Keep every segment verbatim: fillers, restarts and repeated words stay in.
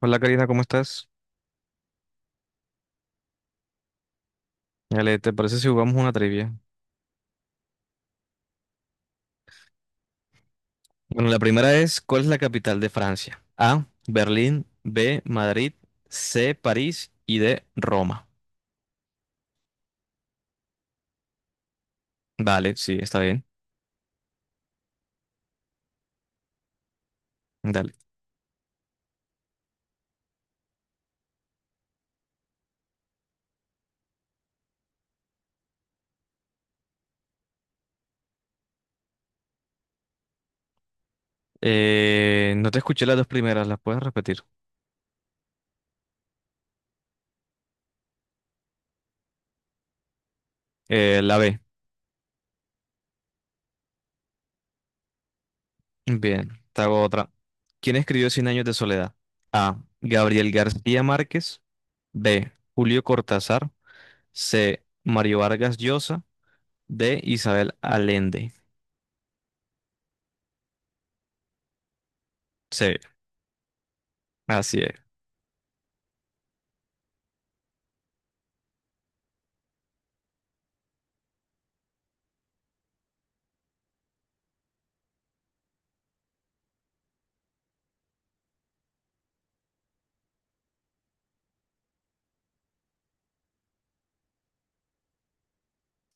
Hola Karina, ¿cómo estás? Ale, ¿te parece si jugamos una trivia? Bueno, la primera es, ¿cuál es la capital de Francia? A, Berlín; B, Madrid; C, París; y D, Roma. Vale, sí, está bien. Dale. Eh, no te escuché las dos primeras, ¿las puedes repetir? Eh, la B. Bien, te hago otra. ¿Quién escribió Cien años de soledad? A, Gabriel García Márquez; B, Julio Cortázar; C, Mario Vargas Llosa; D, Isabel Allende. Sí, así es.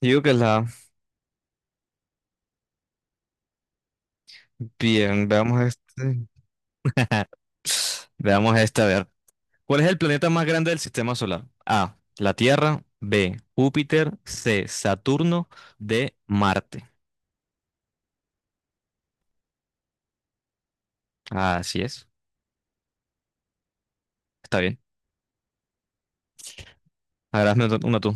Yo digo que es la A. Bien, veamos este. Veamos esta, a ver. ¿Cuál es el planeta más grande del sistema solar? A, la Tierra; B, Júpiter; C, Saturno; D, Marte. Así es. Está bien. A ver, hazme otra- una tú.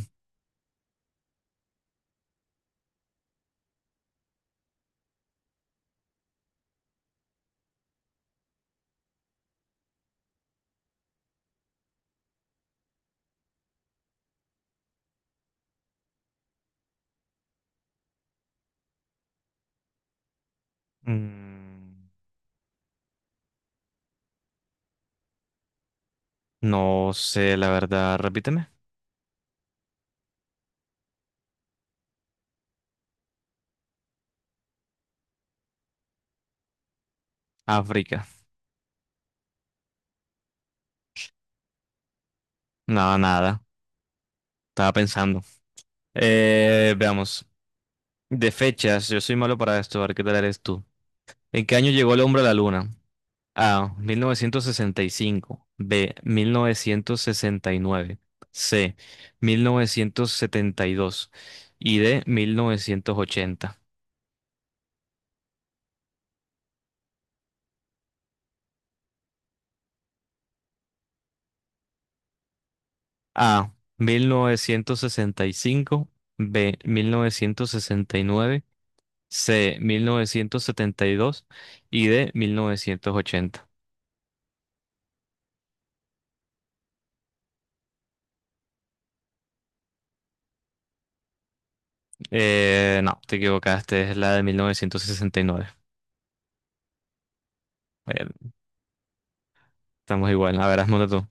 Mm, no sé, la verdad. Repíteme. África. No, nada. Estaba pensando. Eh, veamos. De fechas, yo soy malo para esto. A ver qué tal eres tú. ¿En qué año llegó el hombre a la luna? A, mil novecientos sesenta y cinco; B, mil novecientos sesenta y nueve; C, mil novecientos setenta y dos; y D, mil novecientos ochenta. A, mil novecientos sesenta y cinco; B, mil novecientos sesenta y nueve; C, mil novecientos setenta y dos; y D, mil novecientos ochenta. Eh, no, te equivocaste. Es la de mil novecientos sesenta y nueve. Eh, Estamos igual. A ver, hazme una tú.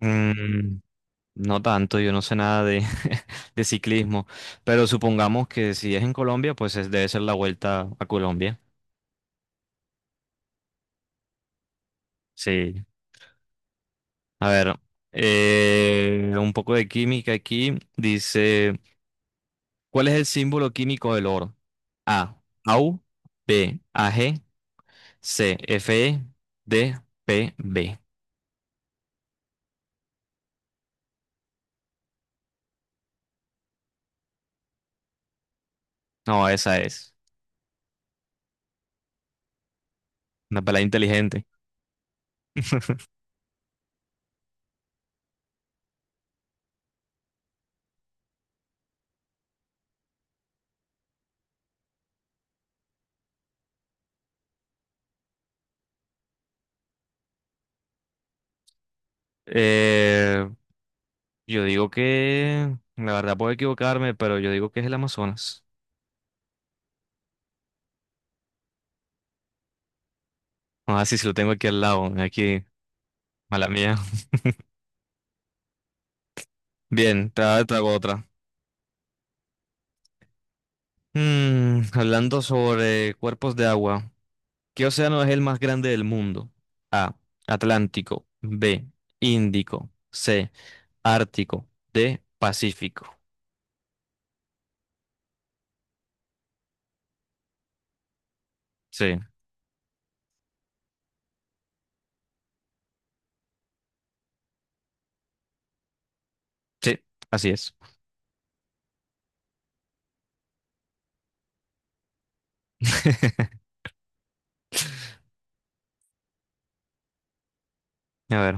Mm, no tanto, yo no sé nada de... de ciclismo. Pero supongamos que si es en Colombia, pues es- debe ser la vuelta a Colombia. Sí. A ver, eh, un poco de química aquí. Dice, ¿cuál es el símbolo químico del oro? A, AU; B, AG; C, FE; D, PB. No, esa es. Una pelada inteligente. Eh, yo digo que, la verdad puedo equivocarme, pero yo digo que es el Amazonas. Ah, sí, sí lo tengo aquí al lado, aquí. Mala mía. Bien, te hago te hago otra. Mm, hablando sobre cuerpos de agua, ¿qué océano es el más grande del mundo? A, Atlántico; B, Índico; C, Ártico; D, Pacífico. Sí, sí, así es. A ver.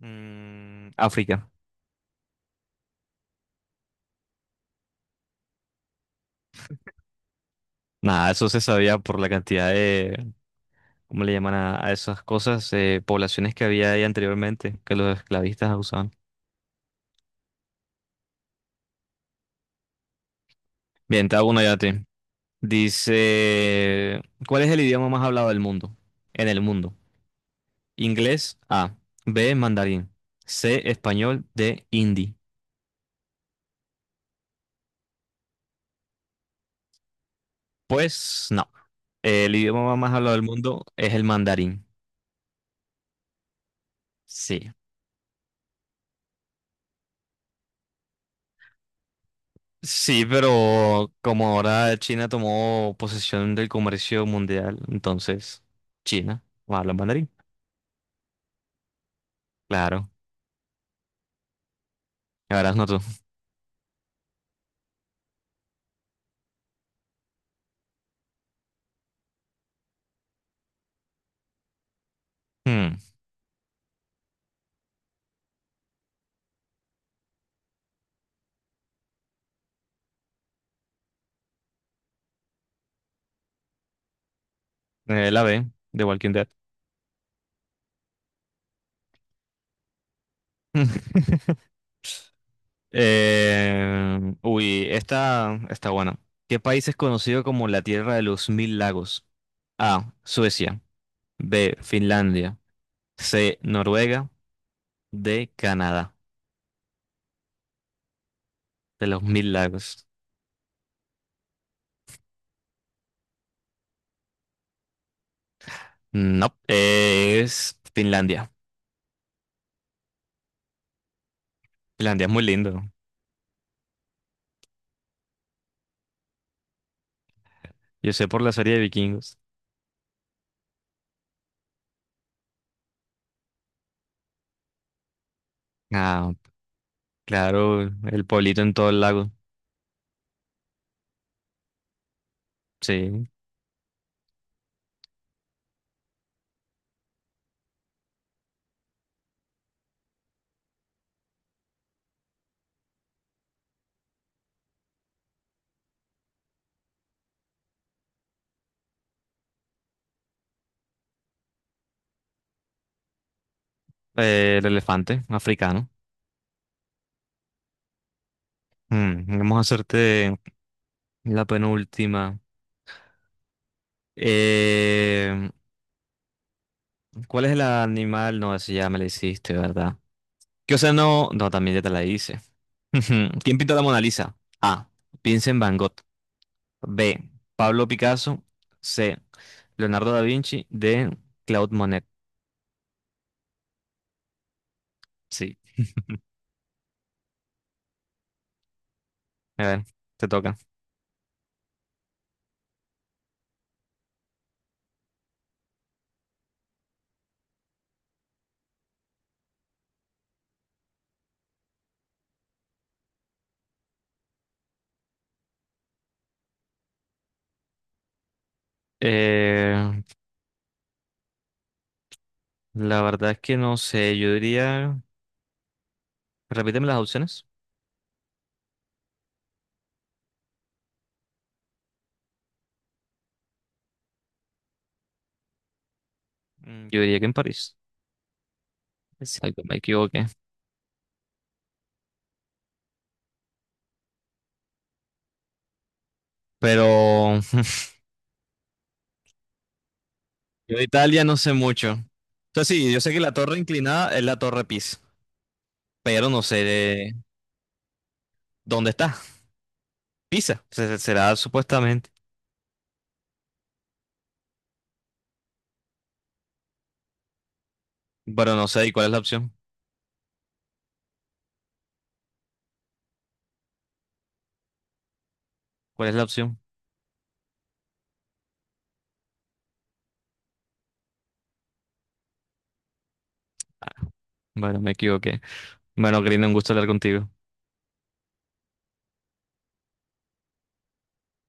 Mm, África. Nada, eso se sabía por la cantidad de, ¿cómo le llaman a, a esas cosas? Eh, poblaciones que había ahí anteriormente, que los esclavistas usaban. Bien, te hago una ya a ti. Dice, ¿cuál es el idioma más hablado del mundo? En el mundo. Inglés, A. B, mandarín. C, español. D, hindi. Pues no. El idioma más hablado del mundo es el mandarín. Sí. Sí, pero como ahora China tomó posesión del comercio mundial, entonces China habla mandarín. Claro. Ahora no tú. Hmm. Eh, la B, de Walking Dead. Eh, uy, esta está buena. ¿Qué país es conocido como la Tierra de los Mil Lagos? A, Suecia; B, Finlandia; C, Noruega; D, Canadá. De los Mil Lagos. No, es Finlandia. Finlandia es muy lindo. Yo sé por la serie de vikingos. Ah, claro, el pueblito en todo el lago. Sí. Eh, el elefante africano. Mm, vamos a hacerte la penúltima. Em, ¿Cuál es el animal? No, eso ya me la hiciste, ¿verdad? ¿Qué o no, no, también ya te la hice. ¿Quién pintó la Mona Lisa? A, Vincent Van Gogh; B, Pablo Picasso; C, Leonardo da Vinci; D, Claude Monet. Sí. A ver, te toca. Eh, la verdad es que no sé. Yo diría. Repíteme las opciones. Mm, yo diría que en París. Exacto, me equivoqué. Pero yo de Italia no sé mucho. O sea, sí, yo sé que la torre inclinada es la torre Pisa, pero no sé dónde está. Pisa, se- será supuestamente. Pero no sé, ¿y cuál es la opción? ¿Cuál es la opción? Ah, bueno, me equivoqué. Bueno, Karina, un gusto hablar contigo.